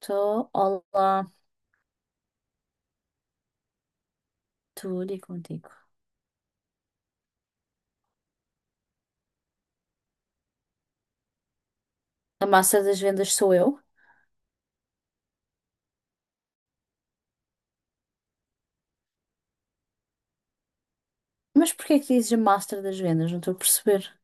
Estou, olá, tudo e contigo. A master das vendas sou eu. Mas porquê que dizes a master das vendas? Não estou a perceber.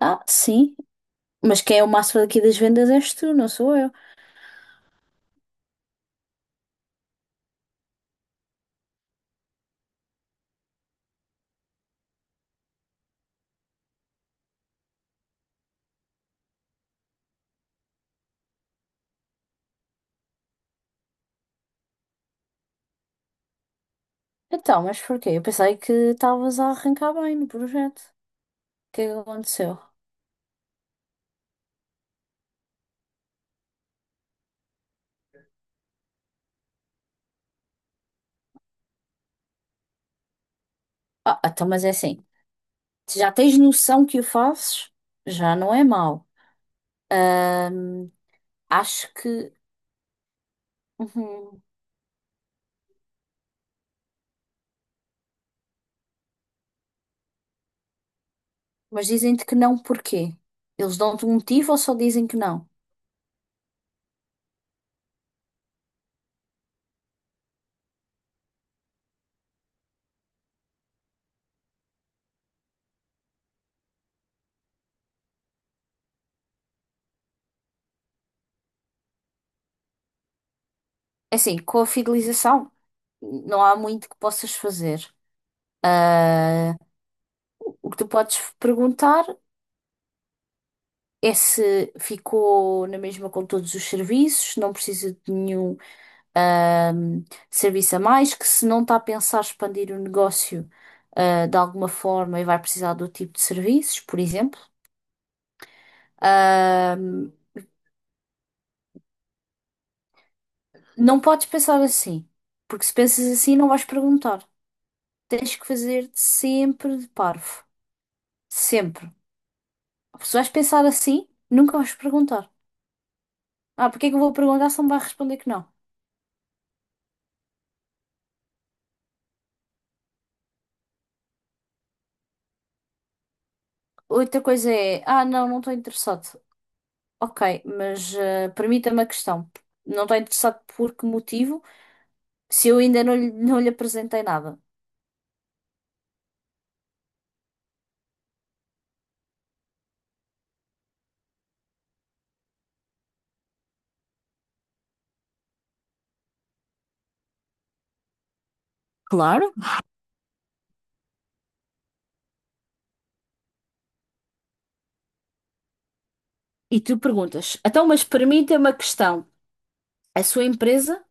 Ah, sim, mas quem é o master daqui das vendas és tu, não sou eu. Então, mas porquê? Eu pensei que estavas a arrancar bem no projeto. O que é que aconteceu? Ah, então, mas é assim, se já tens noção que o fazes, já não é mau. Ahm, acho que. Uhum. Mas dizem-te que não, porquê? Eles dão-te um motivo ou só dizem que não? É assim, com a fidelização, não há muito que possas fazer. Ah, o que tu podes perguntar é se ficou na mesma com todos os serviços, se não precisa de nenhum, ah, serviço a mais, que se não está a pensar expandir o negócio, de alguma forma e vai precisar do tipo de serviços, por exemplo. Ah, não podes pensar assim, porque se pensas assim não vais perguntar. Tens que fazer sempre de parvo. Sempre. Se vais pensar assim, nunca vais perguntar. Ah, porque é que eu vou perguntar se não me vai responder que não? Outra coisa é, ah, não, não estou interessado. Ok, mas permita-me a questão. Não estou interessado por que motivo se eu ainda não lhe apresentei nada? Claro. E tu perguntas, então, mas permita-me a questão. A sua empresa,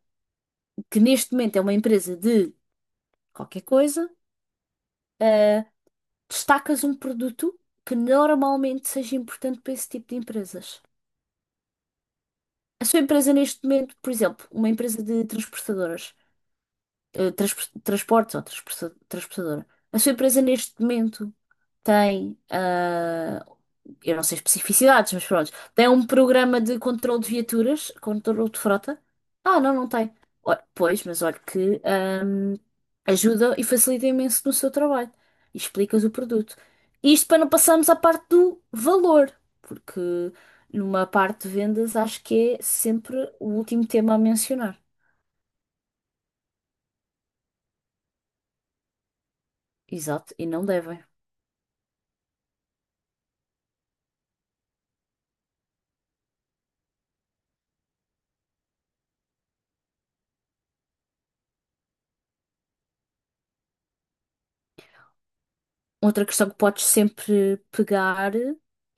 que neste momento é uma empresa de qualquer coisa, eh, destacas um produto que normalmente seja importante para esse tipo de empresas. A sua empresa neste momento, por exemplo, uma empresa de transportadoras, transportes ou transportadora. A sua empresa neste momento tem, eu não sei especificidades, mas pronto, tem um programa de controle de viaturas, controle de frota. Ah, não, não tem. Olha, pois, mas olha que ajuda e facilita imenso no seu trabalho. E explicas o produto. Isto para não passarmos à parte do valor, porque numa parte de vendas acho que é sempre o último tema a mencionar. Exato, e não devem. Outra questão que podes sempre pegar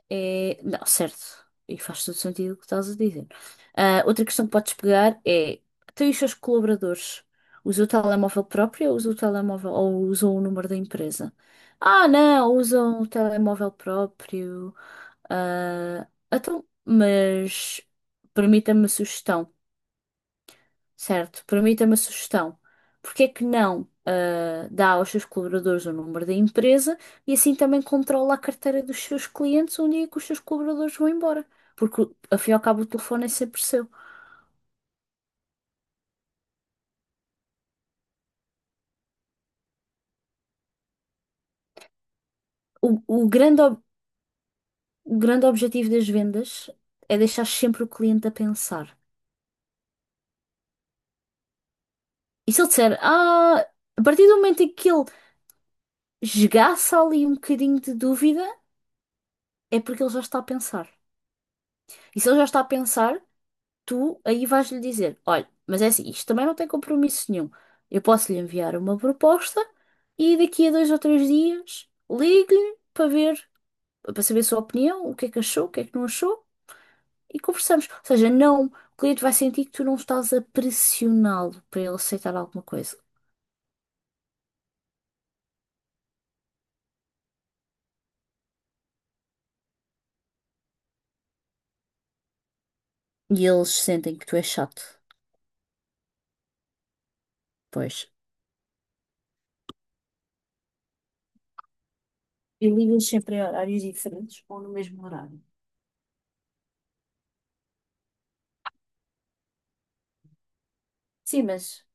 é. Não, certo. E faz todo sentido o que estás a dizer. Ah, outra questão que podes pegar é. Tem os seus colaboradores. Usa o telemóvel próprio ou usa o telemóvel ou usam o número da empresa? Ah, não, usam o telemóvel próprio. Ah, então, mas permita-me a sugestão. Certo, permita-me a sugestão. Porque é que não dá aos seus colaboradores o número da empresa e assim também controla a carteira dos seus clientes um dia que os seus colaboradores vão embora? Porque, afinal, ao cabo, o telefone é sempre seu. O, o grande, ob- o grande objetivo das vendas é deixar sempre o cliente a pensar. E se ele disser, ah, a partir do momento em que ele esgaça ali um bocadinho de dúvida, é porque ele já está a pensar. E se ele já está a pensar, tu aí vais-lhe dizer: olha, mas é assim, isto também não tem compromisso nenhum. Eu posso lhe enviar uma proposta e daqui a dois ou três dias ligo-lhe para ver, para saber a sua opinião, o que é que achou, o que é que não achou e conversamos. Ou seja, não, o cliente vai sentir que tu não estás a pressioná-lo para ele aceitar alguma coisa. E eles sentem que tu és chato. Pois. E ligas sempre a horários diferentes ou no mesmo horário? Sim, mas.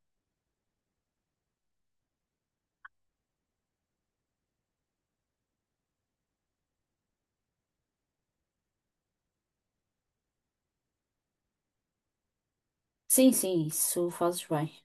Sim, sim, isso fazes bem.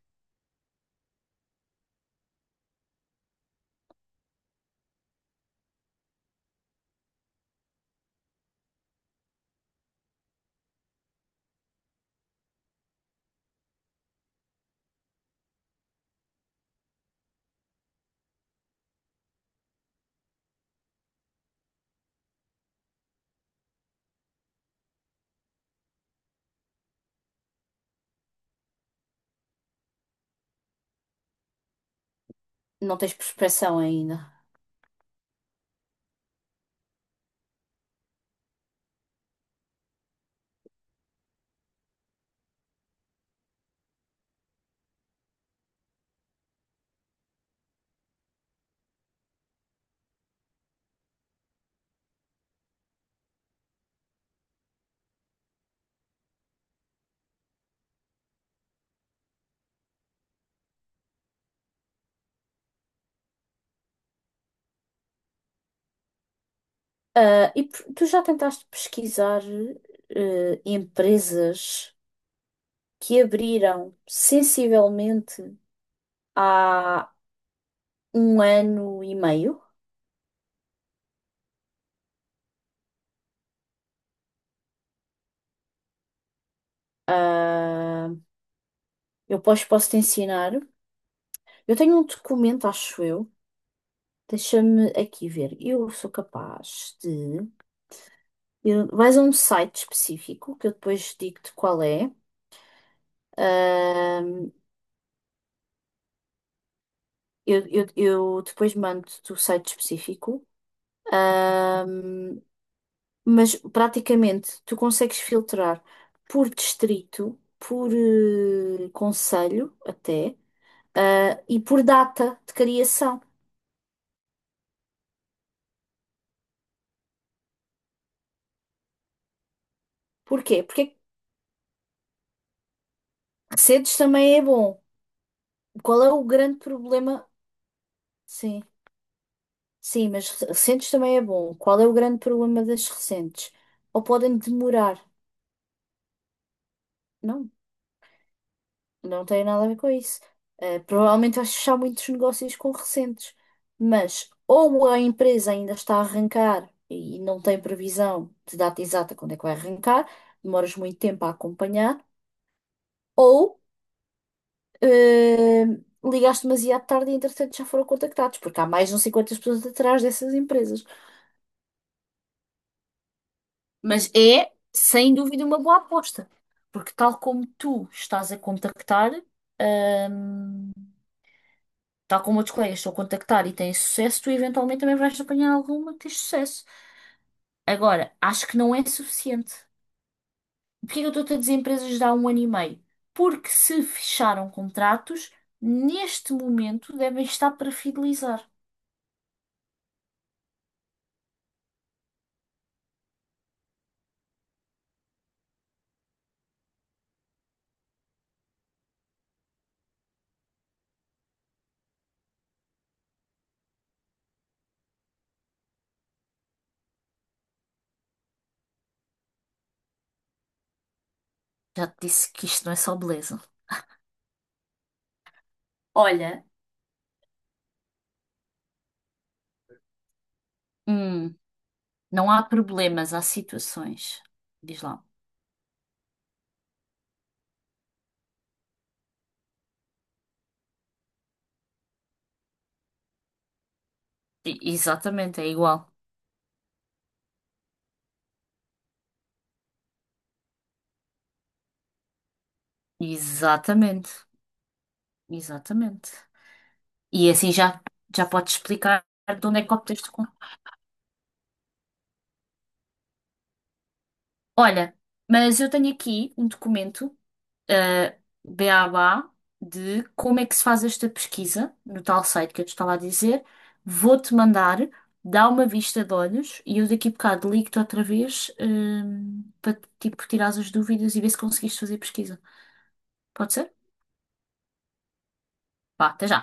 Não tens prospeção ainda. Tu já tentaste pesquisar empresas que abriram sensivelmente há um ano e meio? Ah, eu posso, posso te ensinar. Eu tenho um documento, acho eu. Deixa-me aqui ver. Eu sou capaz de. Vais a um site específico que eu depois digo-te qual é. Ahm, eu depois mando-te o site específico. Ahm, mas praticamente tu consegues filtrar por distrito, por conselho até, e por data de criação. Porquê? Porque Recedes também é bom. Qual é o grande problema? Sim, sim, mas recentes também é bom. Qual é o grande problema das recentes? Ou podem demorar? Não, não tem nada a ver com isso. Provavelmente vais fechar muitos negócios com recentes, mas ou a empresa ainda está a arrancar e não tem previsão de data exata quando é que vai arrancar, demoras muito tempo a acompanhar, ou eh, ligaste demasiado tarde e entretanto já foram contactados, porque há mais de uns 50 pessoas atrás dessas empresas. Mas é, sem dúvida, uma boa aposta. Porque tal como tu estás a contactar, hum, tal como outros colegas estão a contactar e têm sucesso, tu eventualmente também vais apanhar alguma que tens sucesso. Agora, acho que não é suficiente. Porquê que eu estou a dizer empresas de há um ano e meio? Porque se fecharam contratos, neste momento devem estar para fidelizar. Já te disse que isto não é só beleza. Olha, hum, não há problemas, há situações. Diz lá. E- exatamente, é igual. Exatamente, exatamente. E assim já, já podes explicar de onde é que obteste com. Olha, mas eu tenho aqui um documento, BABA, de como é que se faz esta pesquisa no tal site que eu te estava a dizer. Vou-te mandar, dá uma vista de olhos e eu daqui a bocado ligo-te outra vez, para tipo, tirar as dúvidas e ver se conseguiste fazer pesquisa. Pode ser? Vá, até já.